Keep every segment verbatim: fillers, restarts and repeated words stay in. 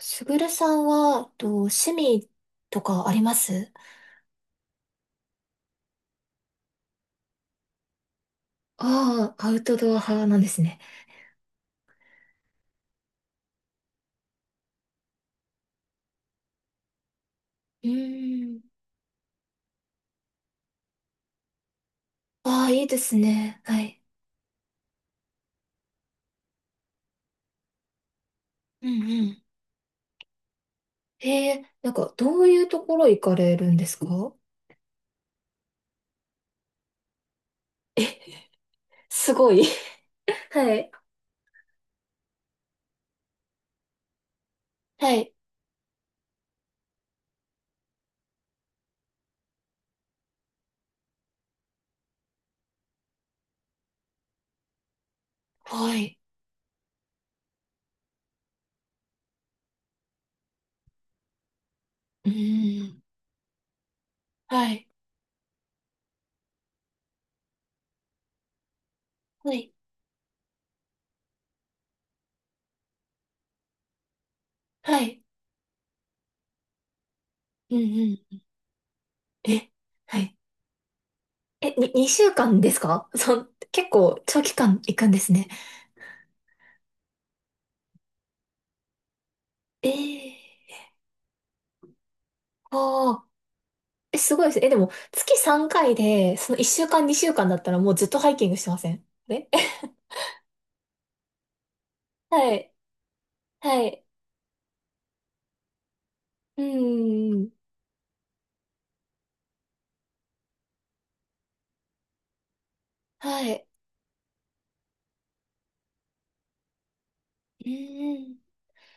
すぐるさんは、えっと、趣味とかあります？ああ、アウトドア派なんですね。うーん。ああ、いいですね。はい。うんうん。ええ、なんか、どういうところ行かれるんですか？すごい。はい。はい。はい。うーん。はい。はい。はい。うんうん。え、はい。え、に、にしゅうかんですか？ そう結構長期間行くんですね。ええー。ああ。え、すごいですねえ、でも、月さんかいで、そのいっしゅうかん、にしゅうかんだったらもうずっとハイキングしてませんあれ？ はい。はい。うーん。はい。うーん。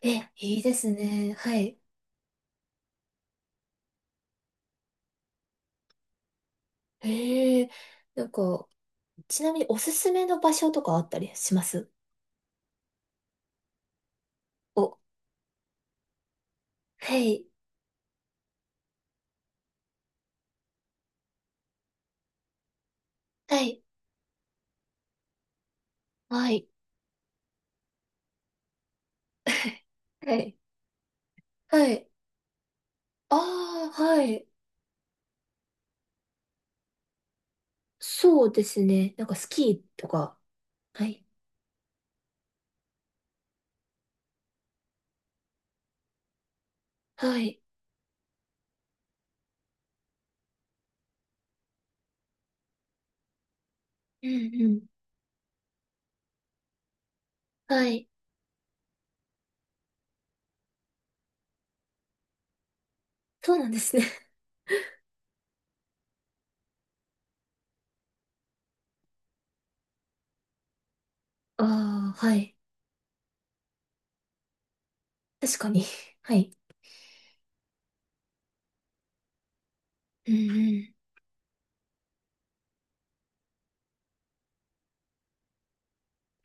え、いいですね。はい。へえ。なんか、ちなみにおすすめの場所とかあったりします？お、はい。はい。はい。はい。はい。ああ、はい。そうですね。なんかスキーとか。はい。はい。うんうん。はい。そうなんですね。ああ、はい。確かに。はい。うんうん。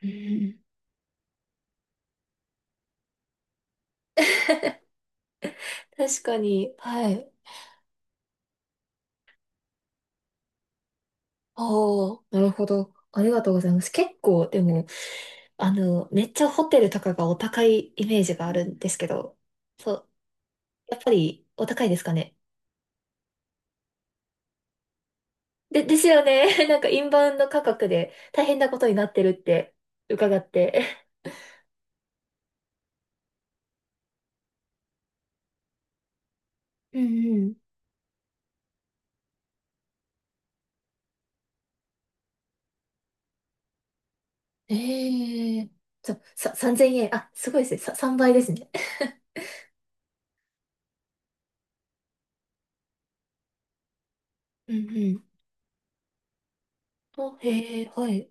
うんうん。確かに。はい。ああ、なるほど。ありがとうございます。結構、でも、あの、めっちゃホテルとかがお高いイメージがあるんですけど、そう、やっぱりお高いですかね？で、ですよね。なんかインバウンド価格で大変なことになってるって伺って。うんうん。ええ、そう、さ、さんぜんえん。あ、すごいですね。さ、さんばいですね。うんうん。お、へえ、はい。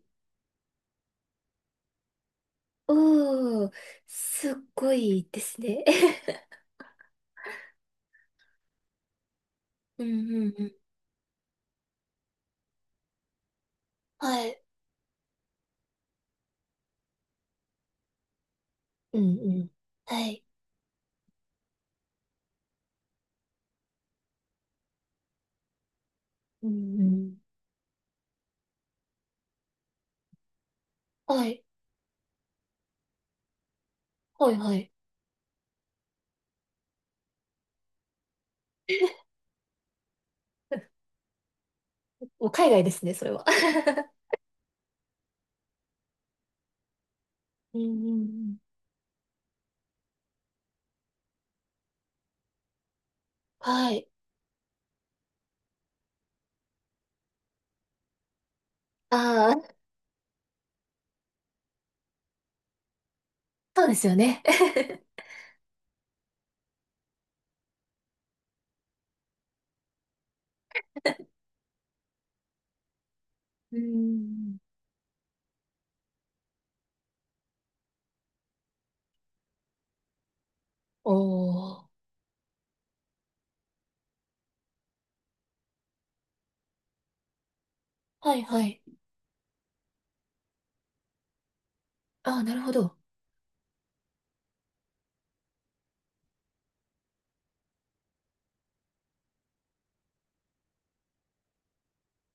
おー、すっごいですね。うんうんうん。はい。うんうん。はい。うんうん。はい。はい、はい。もう海外ですね、それは。うんうんうん。はい。ああ、そうですよね。うん。おー。はい、はい。ああ、なるほど。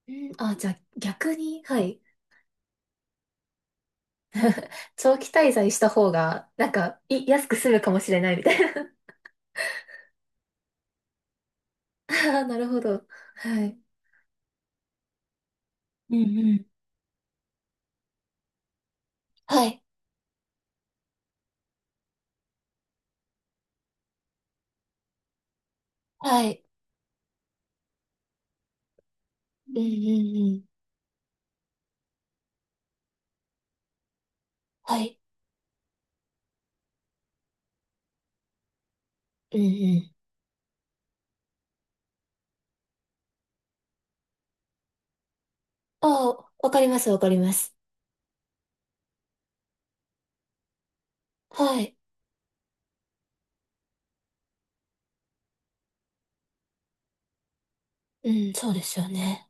うん、あ、じゃあ逆に、はい。長期滞在した方が、なんか、い、安く済むかもしれないみたいな。ああ、なるほど。はい。うんうん。はい。はい。うんうんうん。はい。うんうん。ああ、わかります、わかります。はい。うん、そうですよね。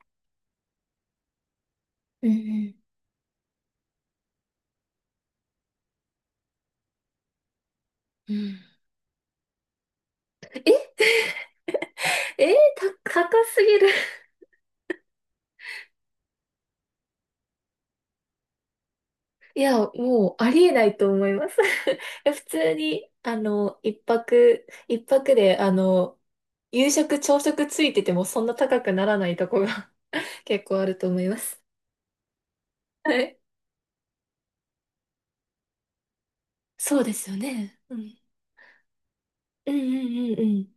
うんうん。うん。え、えー、た、高すぎる。いや、もうありえないと思います。いや普通に、あの、一泊、一泊で、あの、夕食、朝食ついててもそんな高くならないとこが 結構あると思います。はい。そうですよね。うん。うんうんうんうん。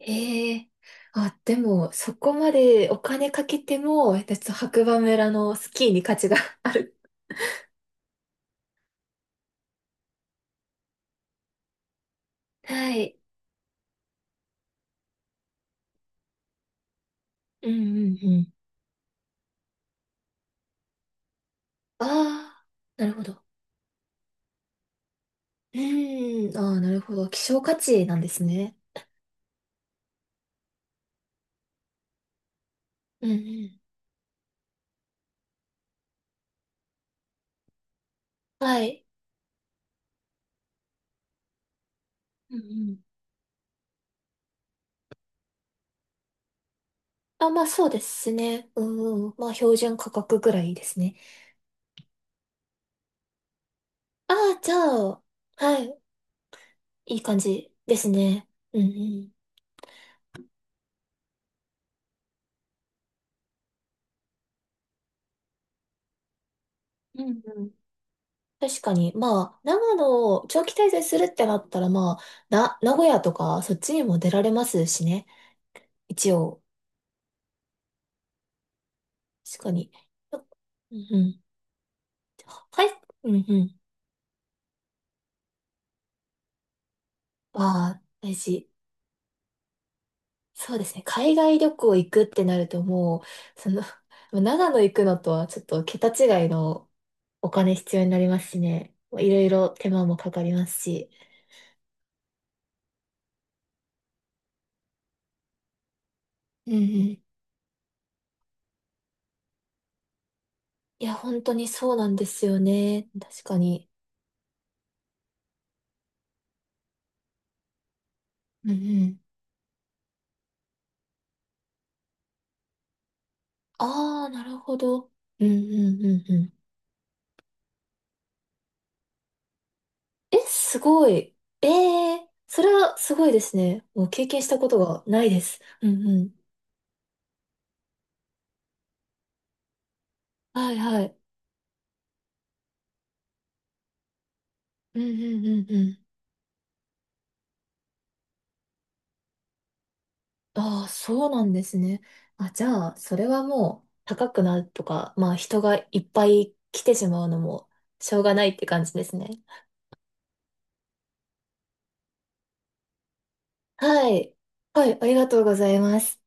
ええ、あ、でも、そこまでお金かけても、えっと白馬村のスキーに価値が ある。はい。うんうんうん。ああ、なるほど。うん、ああ、なるほど。希少価値なんですね。うんうん。はい。うんうん。あ、まあそうですね。うんうん。まあ標準価格ぐらいですね。ああ、じゃあ、はい。いい感じですね。うんうん。うんうん。確かに。まあ、長野を長期滞在するってなったら、まあ、な、名古屋とか、そっちにも出られますしね。一応。確かに。うんうん。はい。うんうん。ああ、大事。そうですね。海外旅行行くってなると、もう、その、長野行くのとはちょっと桁違いのお金必要になりますしね。いろいろ手間もかかりますし。うんうん。いや、本当にそうなんですよね。確かに。うんうん。ああ、なるほど。うんうんうんうん。え、すごい。ええ、それはすごいですね。もう経験したことがないです。うんうん。はいはい。うんうんうんうん。ああ、そうなんですね。あ、じゃあ、それはもう高くなるとか、まあ人がいっぱい来てしまうのもしょうがないって感じですね。はい。はい、ありがとうございます。